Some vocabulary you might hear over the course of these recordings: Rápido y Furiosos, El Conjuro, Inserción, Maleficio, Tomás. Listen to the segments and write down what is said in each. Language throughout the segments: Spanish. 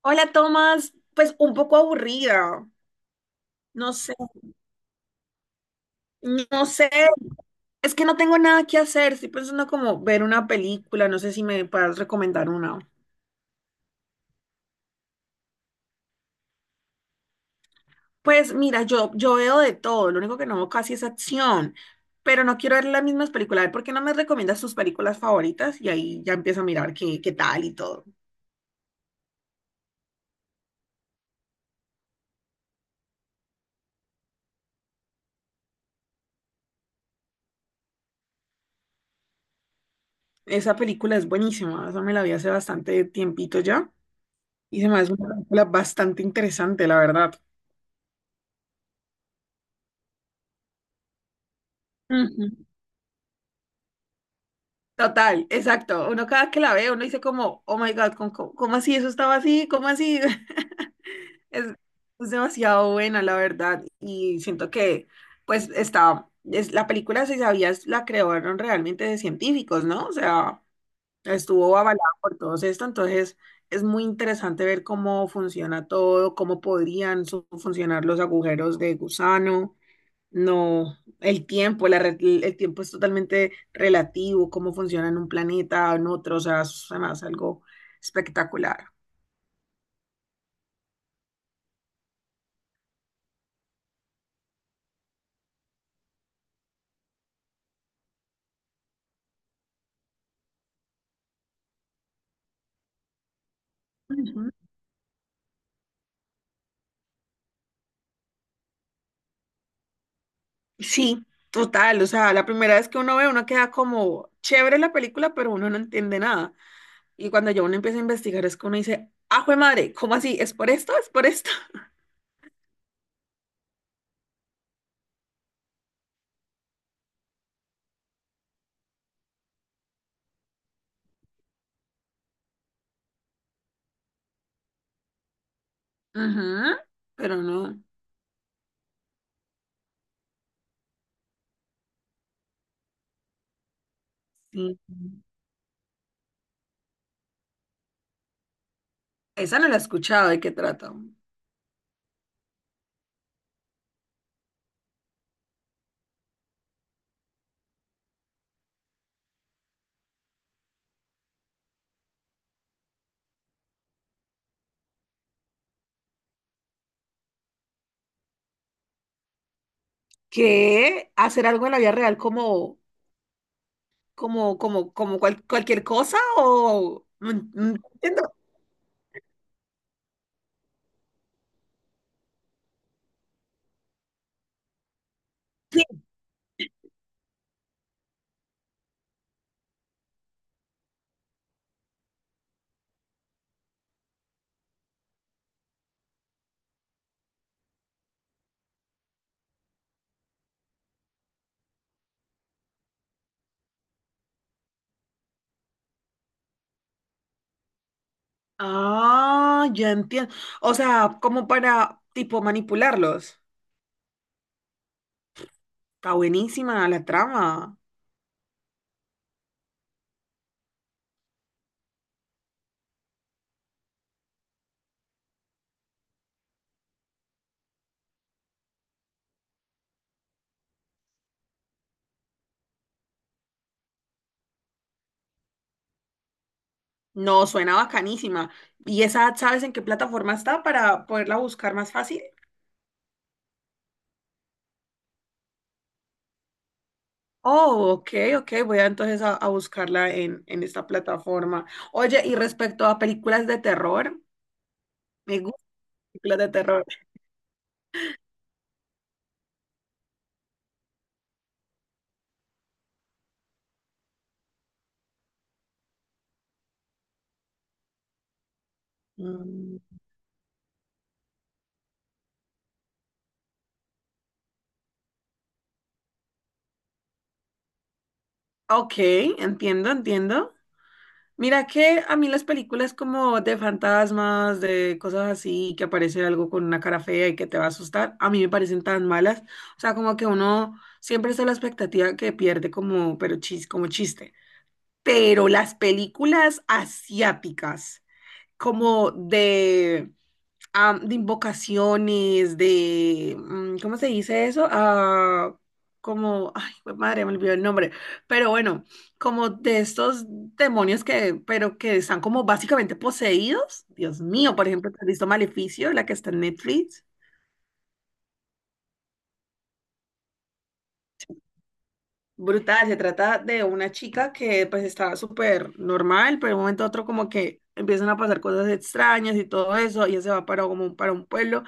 Hola, Tomás. Pues un poco aburrida. No sé, no sé. Es que no tengo nada que hacer. Estoy pensando como ver una película. No sé si me puedes recomendar una. Pues mira, yo veo de todo. Lo único que no veo casi es acción. Pero no quiero ver las mismas películas. A ver, ¿por qué no me recomiendas tus películas favoritas? Y ahí ya empiezo a mirar qué, tal y todo. Esa película es buenísima. Esa me la vi hace bastante tiempito ya. Y se me hace una película bastante interesante, la verdad. Ujú. Total, exacto. Uno cada vez que la ve, uno dice como, oh my God, ¿cómo, cómo así? Eso estaba así, ¿cómo así? Es, es demasiado buena, la verdad. Y siento que, pues, la película, si sabías, la crearon realmente de científicos, ¿no? O sea, estuvo avalada por todos esto, entonces es muy interesante ver cómo funciona todo, cómo podrían funcionar los agujeros de gusano. No, el tiempo, el tiempo es totalmente relativo, cómo funciona en un planeta, en otro, o sea, es además algo espectacular. Ujú. Sí, total, o sea, la primera vez que uno ve, uno queda como chévere la película, pero uno no entiende nada. Y cuando ya uno empieza a investigar, es que uno dice, ¡ah, jue madre! ¿Cómo así? ¿Es por esto? ¿Es por esto? Ujú, pero no, sí. Esa no la he escuchado, ¿de qué trata? Que hacer algo en la vida real como como cualquier cosa o no no entiendo. Sí. Ah, ya entiendo. O sea, como para tipo manipularlos. Está buenísima la trama. No, suena bacanísima. ¿Y esa sabes en qué plataforma está para poderla buscar más fácil? Oh, ok, ok, voy a entonces a buscarla en esta plataforma. Oye, y respecto a películas de terror, me gustan películas de terror. Mm. Ok, entiendo, entiendo. Mira que a mí las películas como de fantasmas, de cosas así, que aparece algo con una cara fea y que te va a asustar, a mí me parecen tan malas. O sea, como que uno siempre está a la expectativa que pierde como, pero chis, como chiste. Pero las películas asiáticas, como de de invocaciones, de, ¿cómo se dice eso? Ah, como, ay, jue madre, me olvidó el nombre, pero bueno, como de estos demonios que, pero que están como básicamente poseídos. Dios mío, por ejemplo, ¿te ¿has visto Maleficio, la que está en Netflix? Brutal, se trata de una chica que pues estaba súper normal, pero de un momento a otro como que empiezan a pasar cosas extrañas y todo eso, ella se va para como para un pueblo.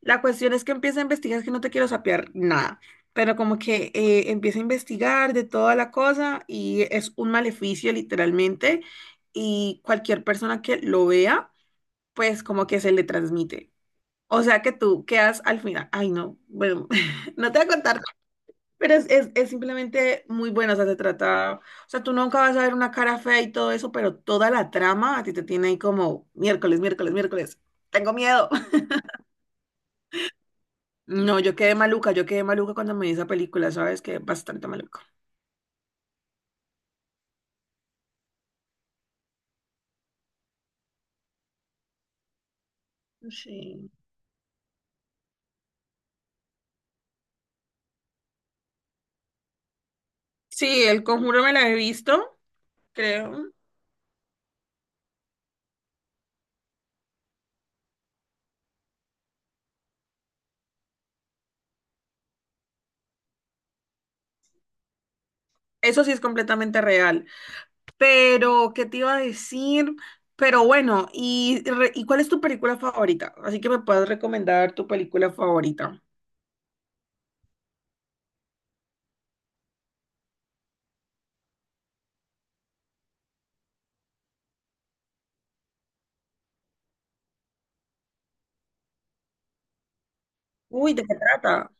La cuestión es que empieza a investigar, es que no te quiero sapear nada, pero como que empieza a investigar de toda la cosa y es un maleficio literalmente y cualquier persona que lo vea, pues como que se le transmite. O sea que tú quedas al final, ay no, bueno, no te voy a contar, pero es simplemente muy bueno, o sea, se trata, o sea, tú nunca vas a ver una cara fea y todo eso, pero toda la trama a ti te tiene ahí como miércoles, miércoles, miércoles, tengo miedo. No, yo quedé maluca cuando me vi esa película, ¿sabes? Quedé bastante maluca. Sí. Sí, El Conjuro me la he visto, creo. Eso sí es completamente real. Pero, ¿qué te iba a decir? Pero bueno, ¿y, ¿y cuál es tu película favorita? Así que me puedes recomendar tu película favorita. Uy, ¿de qué trata?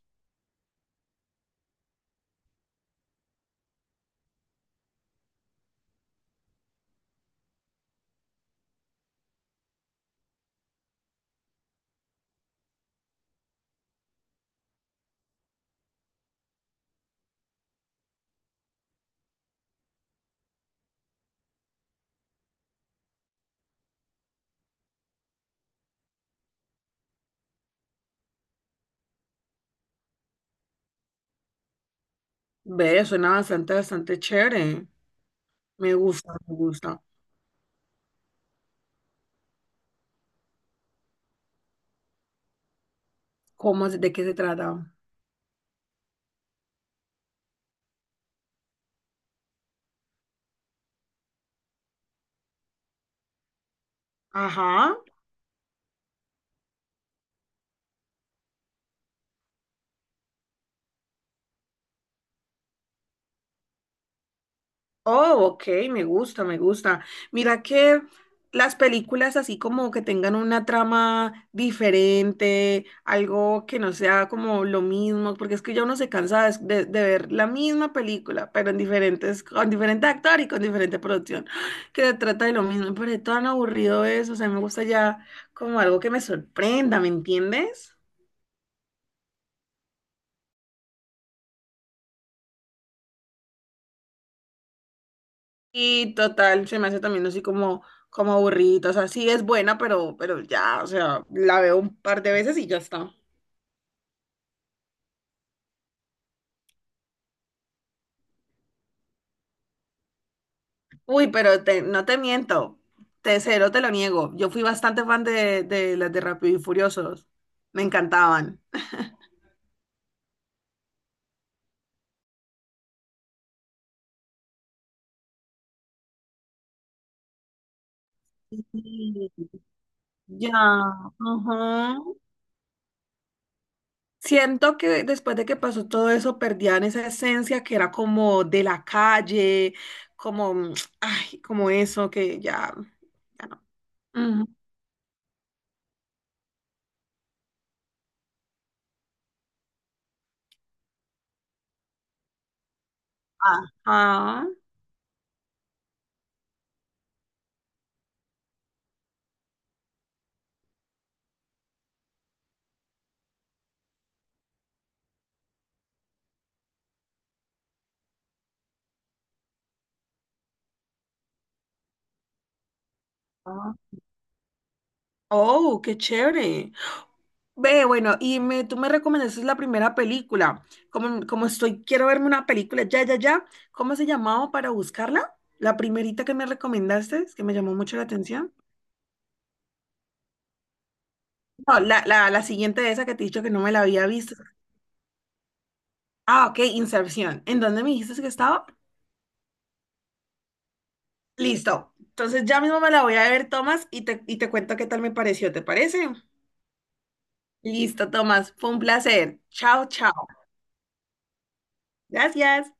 Ve, suena bastante, bastante chévere. Me gusta, me gusta. ¿Cómo, de qué se trata? Ajá. Oh, ok, me gusta, me gusta. Mira que las películas así como que tengan una trama diferente, algo que no sea como lo mismo, porque es que ya uno se cansa de ver la misma película, pero en diferentes, con diferente actor y con diferente producción, que se trata de lo mismo, pero es tan aburrido eso, o sea, me gusta ya como algo que me sorprenda, ¿me entiendes? Y total, se me hace también así como, como aburrido. O sea, sí es buena, pero ya, o sea, la veo un par de veces y ya está. Uy, pero no te miento. Te cero, te lo niego. Yo fui bastante fan de las de Rápido y Furiosos. Me encantaban. Sí, ya, ajá. Siento que después de que pasó todo eso, perdían esa esencia que era como de la calle, como, mm, ay, como eso, que ya, ya no. Ujú. Ajá. Ah. Oh, qué chévere. Ve, bueno, y me, tú me recomendaste la primera película. Como, como estoy, quiero verme una película, ya, ya, ya. ¿Cómo se llamaba para buscarla? La primerita que me recomendaste, es que me llamó mucho la atención. No, la siguiente de esa que te he dicho que no me la había visto. Ah, ok, Inserción. ¿En dónde me dijiste que estaba? Listo. Entonces ya mismo me la voy a ver, Tomás, y te cuento qué tal me pareció, ¿te parece? Listo, Tomás. Fue un placer. Chao, chao. Gracias.